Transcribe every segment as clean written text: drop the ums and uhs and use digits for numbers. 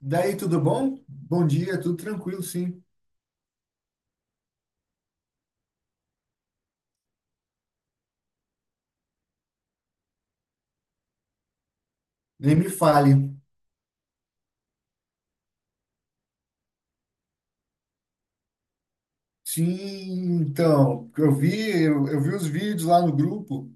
Daí, tudo bom? Bom dia, tudo tranquilo, sim. Nem me fale. Sim, então, eu vi, eu vi os vídeos lá no grupo.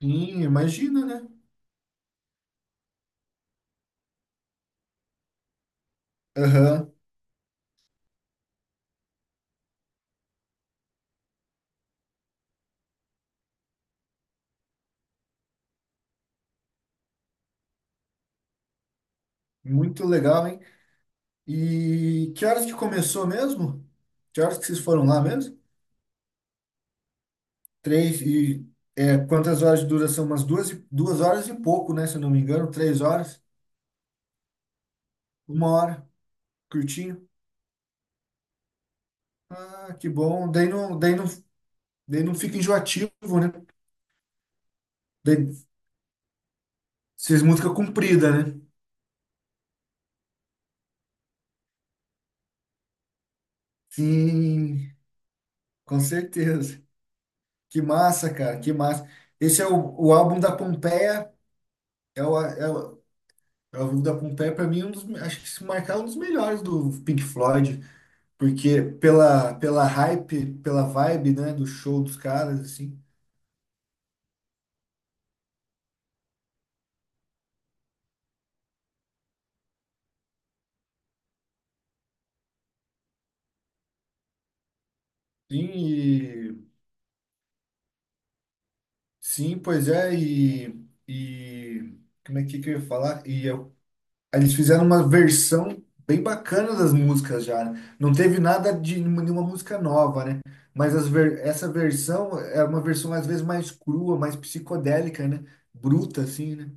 Sim, imagina, né? Aham, muito legal, hein? E que horas que começou mesmo? Que horas que vocês foram lá mesmo? Três e é, quantas horas de duração? Umas duas, duas horas e pouco, né? Se eu não me engano, três horas, uma hora, curtinho. Ah, que bom. Daí não fica enjoativo, né? Daí vocês música comprida, né? Sim, com certeza. Que massa, cara, que massa. Esse é o álbum da Pompeia. É é o álbum da Pompeia, para mim, um dos, acho que se marcar um dos melhores do Pink Floyd, porque pela, pela hype, pela vibe, né, do show dos caras, assim. Sim, sim, pois é, e como é que eu ia falar? E eu eles fizeram uma versão bem bacana das músicas já, né? Não teve nada de nenhuma música nova, né? Mas as ver- essa versão é uma versão às vezes mais crua, mais psicodélica, né? Bruta, assim, né?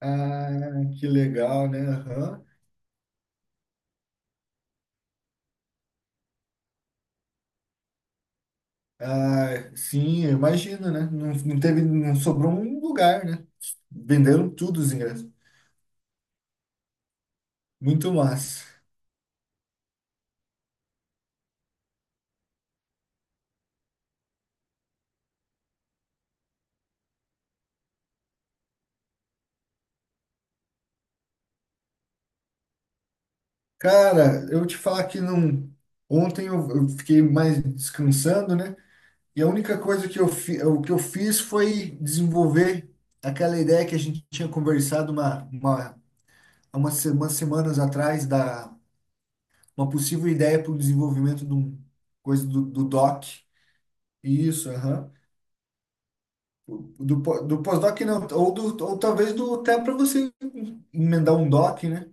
Ah, que legal, né? Aham. Ah, sim, eu imagino, né? Não, não teve, não sobrou um lugar, né? Venderam tudo os ingressos. Muito massa. Cara, eu te falar que não. Ontem eu, fiquei mais descansando, né? E a única coisa que eu, fi, o que eu fiz foi desenvolver aquela ideia que a gente tinha conversado há umas se- umas semanas atrás, da uma possível ideia para o desenvolvimento de um, coisa do, do doc. Isso, aham. O- Do, po- do pós-doc não, ou, do, ou talvez do até para você emendar um doc, né?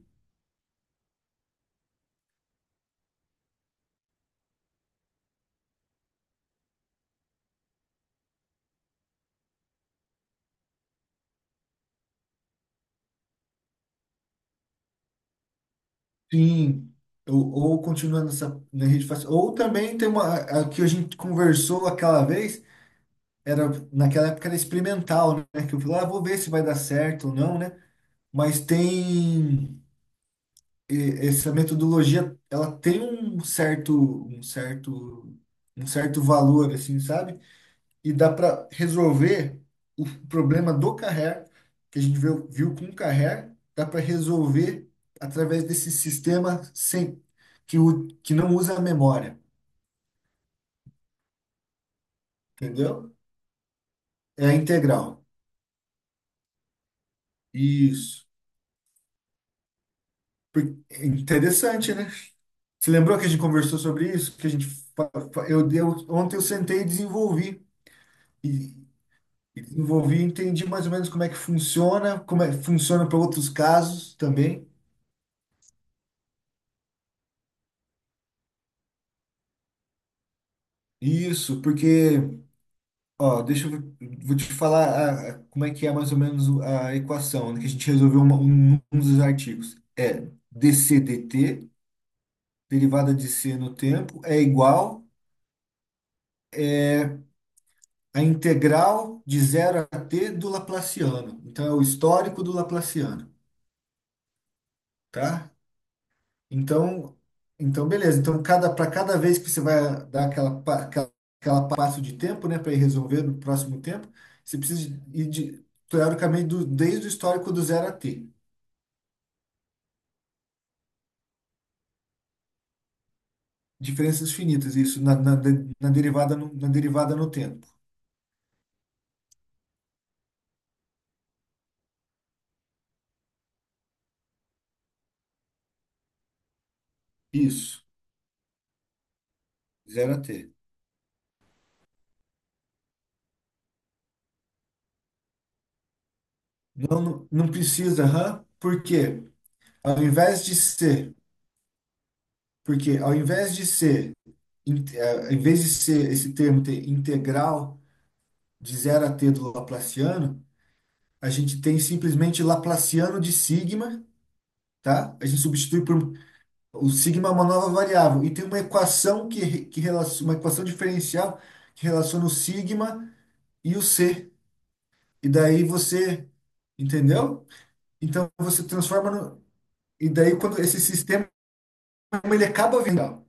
Sim. Ou continuando essa na rede fácil. Ou também tem uma a que a gente conversou aquela vez era naquela época era experimental, né? Que eu falei, ah, vou ver se vai dar certo ou não, né? Mas tem e- essa metodologia, ela tem um certo, um certo valor, assim, sabe? E dá para resolver o problema do carrer, que a gente viu, com o carrer, dá para resolver através desse sistema sem que, o, que não usa a memória, entendeu? É a integral. Isso. Por- é interessante, né? Você lembrou que a gente conversou sobre isso? Que a gente fa- eu deu ontem eu sentei e desenvolvi e, desenvolvi, e entendi mais ou menos como é que funciona, como é que funciona para outros casos também. Isso, porque ó, deixa eu vou te falar a- como é que é mais ou menos a equação né, que a gente resolveu uma- um dos artigos. É dc dt, derivada de c no tempo, é igual à integral de zero a t do Laplaciano. Então é o histórico do Laplaciano. Tá? Então, então beleza. Então, cada, para cada vez que você vai dar aquela, pa- aquela, aquela passo de tempo, né, para ir resolver no próximo tempo, você precisa ir de, teoricamente do, desde o histórico do zero a t. Diferenças finitas, isso, na, de- na derivada no tempo. Isso, zero a t. Não, não não precisa, hã? Por quê? Ao invés de ser, porque ao invés de ser in- eh, em vez de ser esse termo ter integral de zero a t do Laplaciano, a gente tem simplesmente Laplaciano de sigma, tá? A gente substitui por o sigma é uma nova variável e tem uma equação que, relaciona, uma equação diferencial que relaciona o sigma e o c. E daí você, entendeu? Então você transforma no, e daí quando esse sistema ele acaba vindo.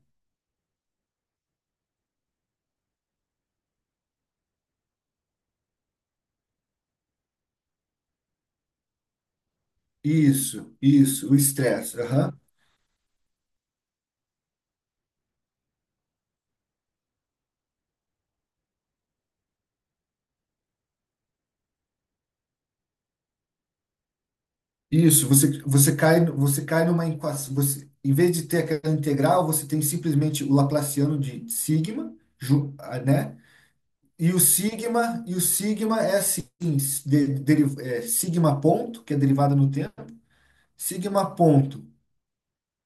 Isso, o estresse. Aham. Isso, você, você cai numa equação, você, em vez de ter aquela integral, você tem simplesmente o Laplaciano de sigma, ju- ah, né? E o sigma, é assim, s- de- deri- é, sigma ponto, que é derivada no tempo, sigma ponto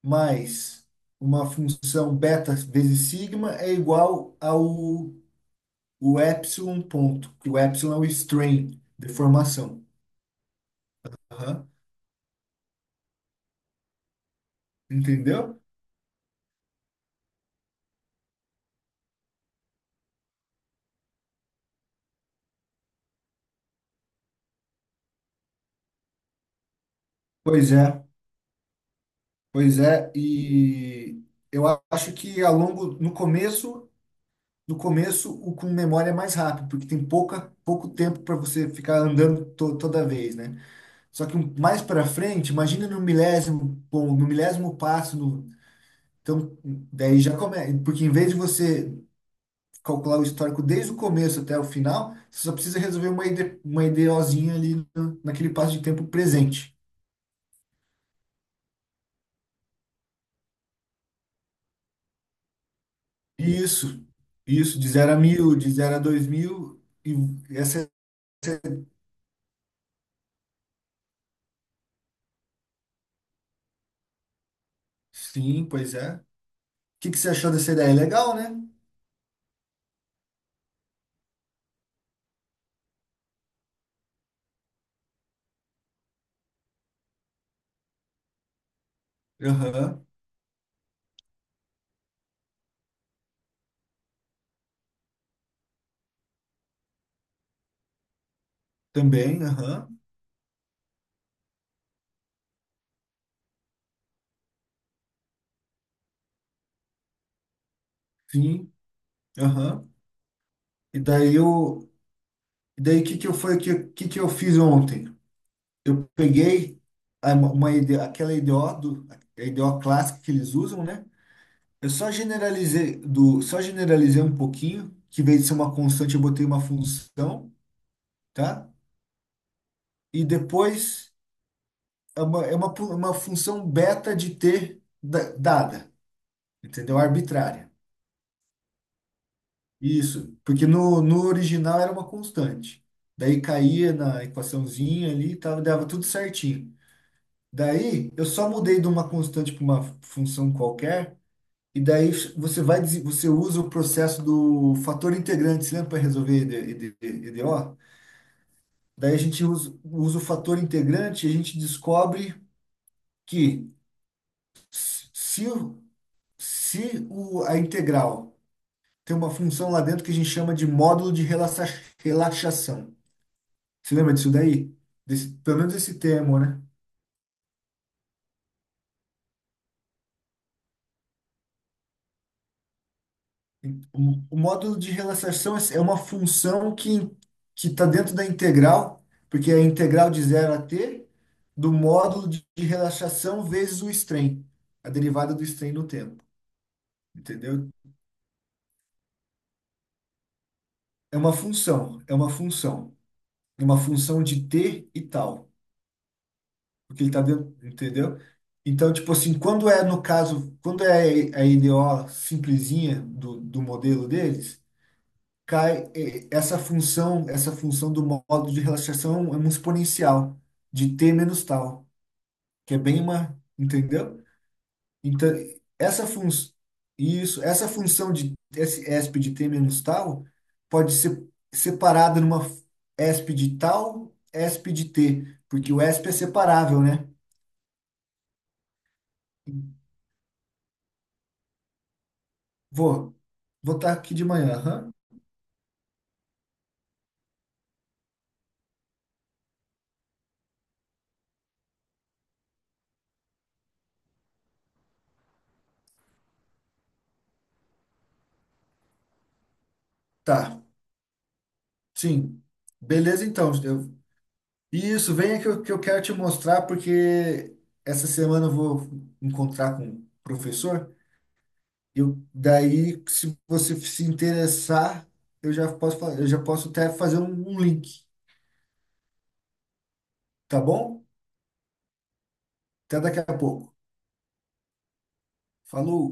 mais uma função beta vezes sigma é igual ao o epsilon ponto, que o epsilon é o strain, deformação. Aham, entendeu? Pois é. Pois é, e eu acho que ao longo, no começo, o com memória é mais rápido, porque tem pouca, pouco tempo para você ficar andando to- toda vez, né? Só que um- mais para frente, imagina no milésimo, bom, no milésimo passo, no, então daí já começa, porque em vez de você calcular o histórico desde o começo até o final, você só precisa resolver uma ID, uma IDOzinha ali no- naquele passo de tempo presente. Isso, isso, de zero a 1.000 de zero a 2.000 e essa, sim, pois é. O que que você achou dessa ideia? Legal, né? Aham, também, aham, sim, aham. E daí eu, e daí que eu foi que eu fiz ontem? Eu peguei a- uma ideia, aquela IDO do, a IDO clássica que eles usam, né? Eu só generalizei do, só generalizei um pouquinho, que em vez de ser uma constante, eu botei uma função, tá? E depois é uma, pu- uma função beta de t da- dada, entendeu? Arbitrária. Isso, porque no, no original era uma constante. Daí caía na equaçãozinha ali, tava, dava tudo certinho. Daí eu só mudei de uma constante para uma função qualquer, e daí você vai, dese- você usa o processo do fator integrante, você lembra para resolver ED, EDO? Daí a gente usa, o fator integrante e a gente descobre que se o- se o, a integral tem uma função lá dentro que a gente chama de módulo de relaxa- relaxação. Você lembra disso daí? Desse- pelo menos esse termo, né? O, módulo de relaxação é uma função que está dentro da integral, porque é a integral de zero a t do módulo de, relaxação vezes o strain, a derivada do strain no tempo, entendeu? É uma função, é uma função de t e tal. Porque ele tá dentro, entendeu? Então, tipo assim, quando é no caso, quando é a IDO simplesinha do, do modelo deles, cai eh, essa função, do modo de relaxação é um exponencial de t menos tal, que é bem uma, entendeu? Então, essa função isso, essa função de esse esp de t menos tal pode ser separada numa esp de tal, esp de t, porque o esp é separável, né? Vou. Vou estar aqui de manhã. Aham. Tá. Sim. Beleza, então. Eu... Isso, venha que eu, quero te mostrar, porque essa semana eu vou encontrar com o professor. Eu, daí, se você se interessar, eu já posso, fa- eu já posso até fazer um, um link, tá bom? Até daqui a pouco. Falou.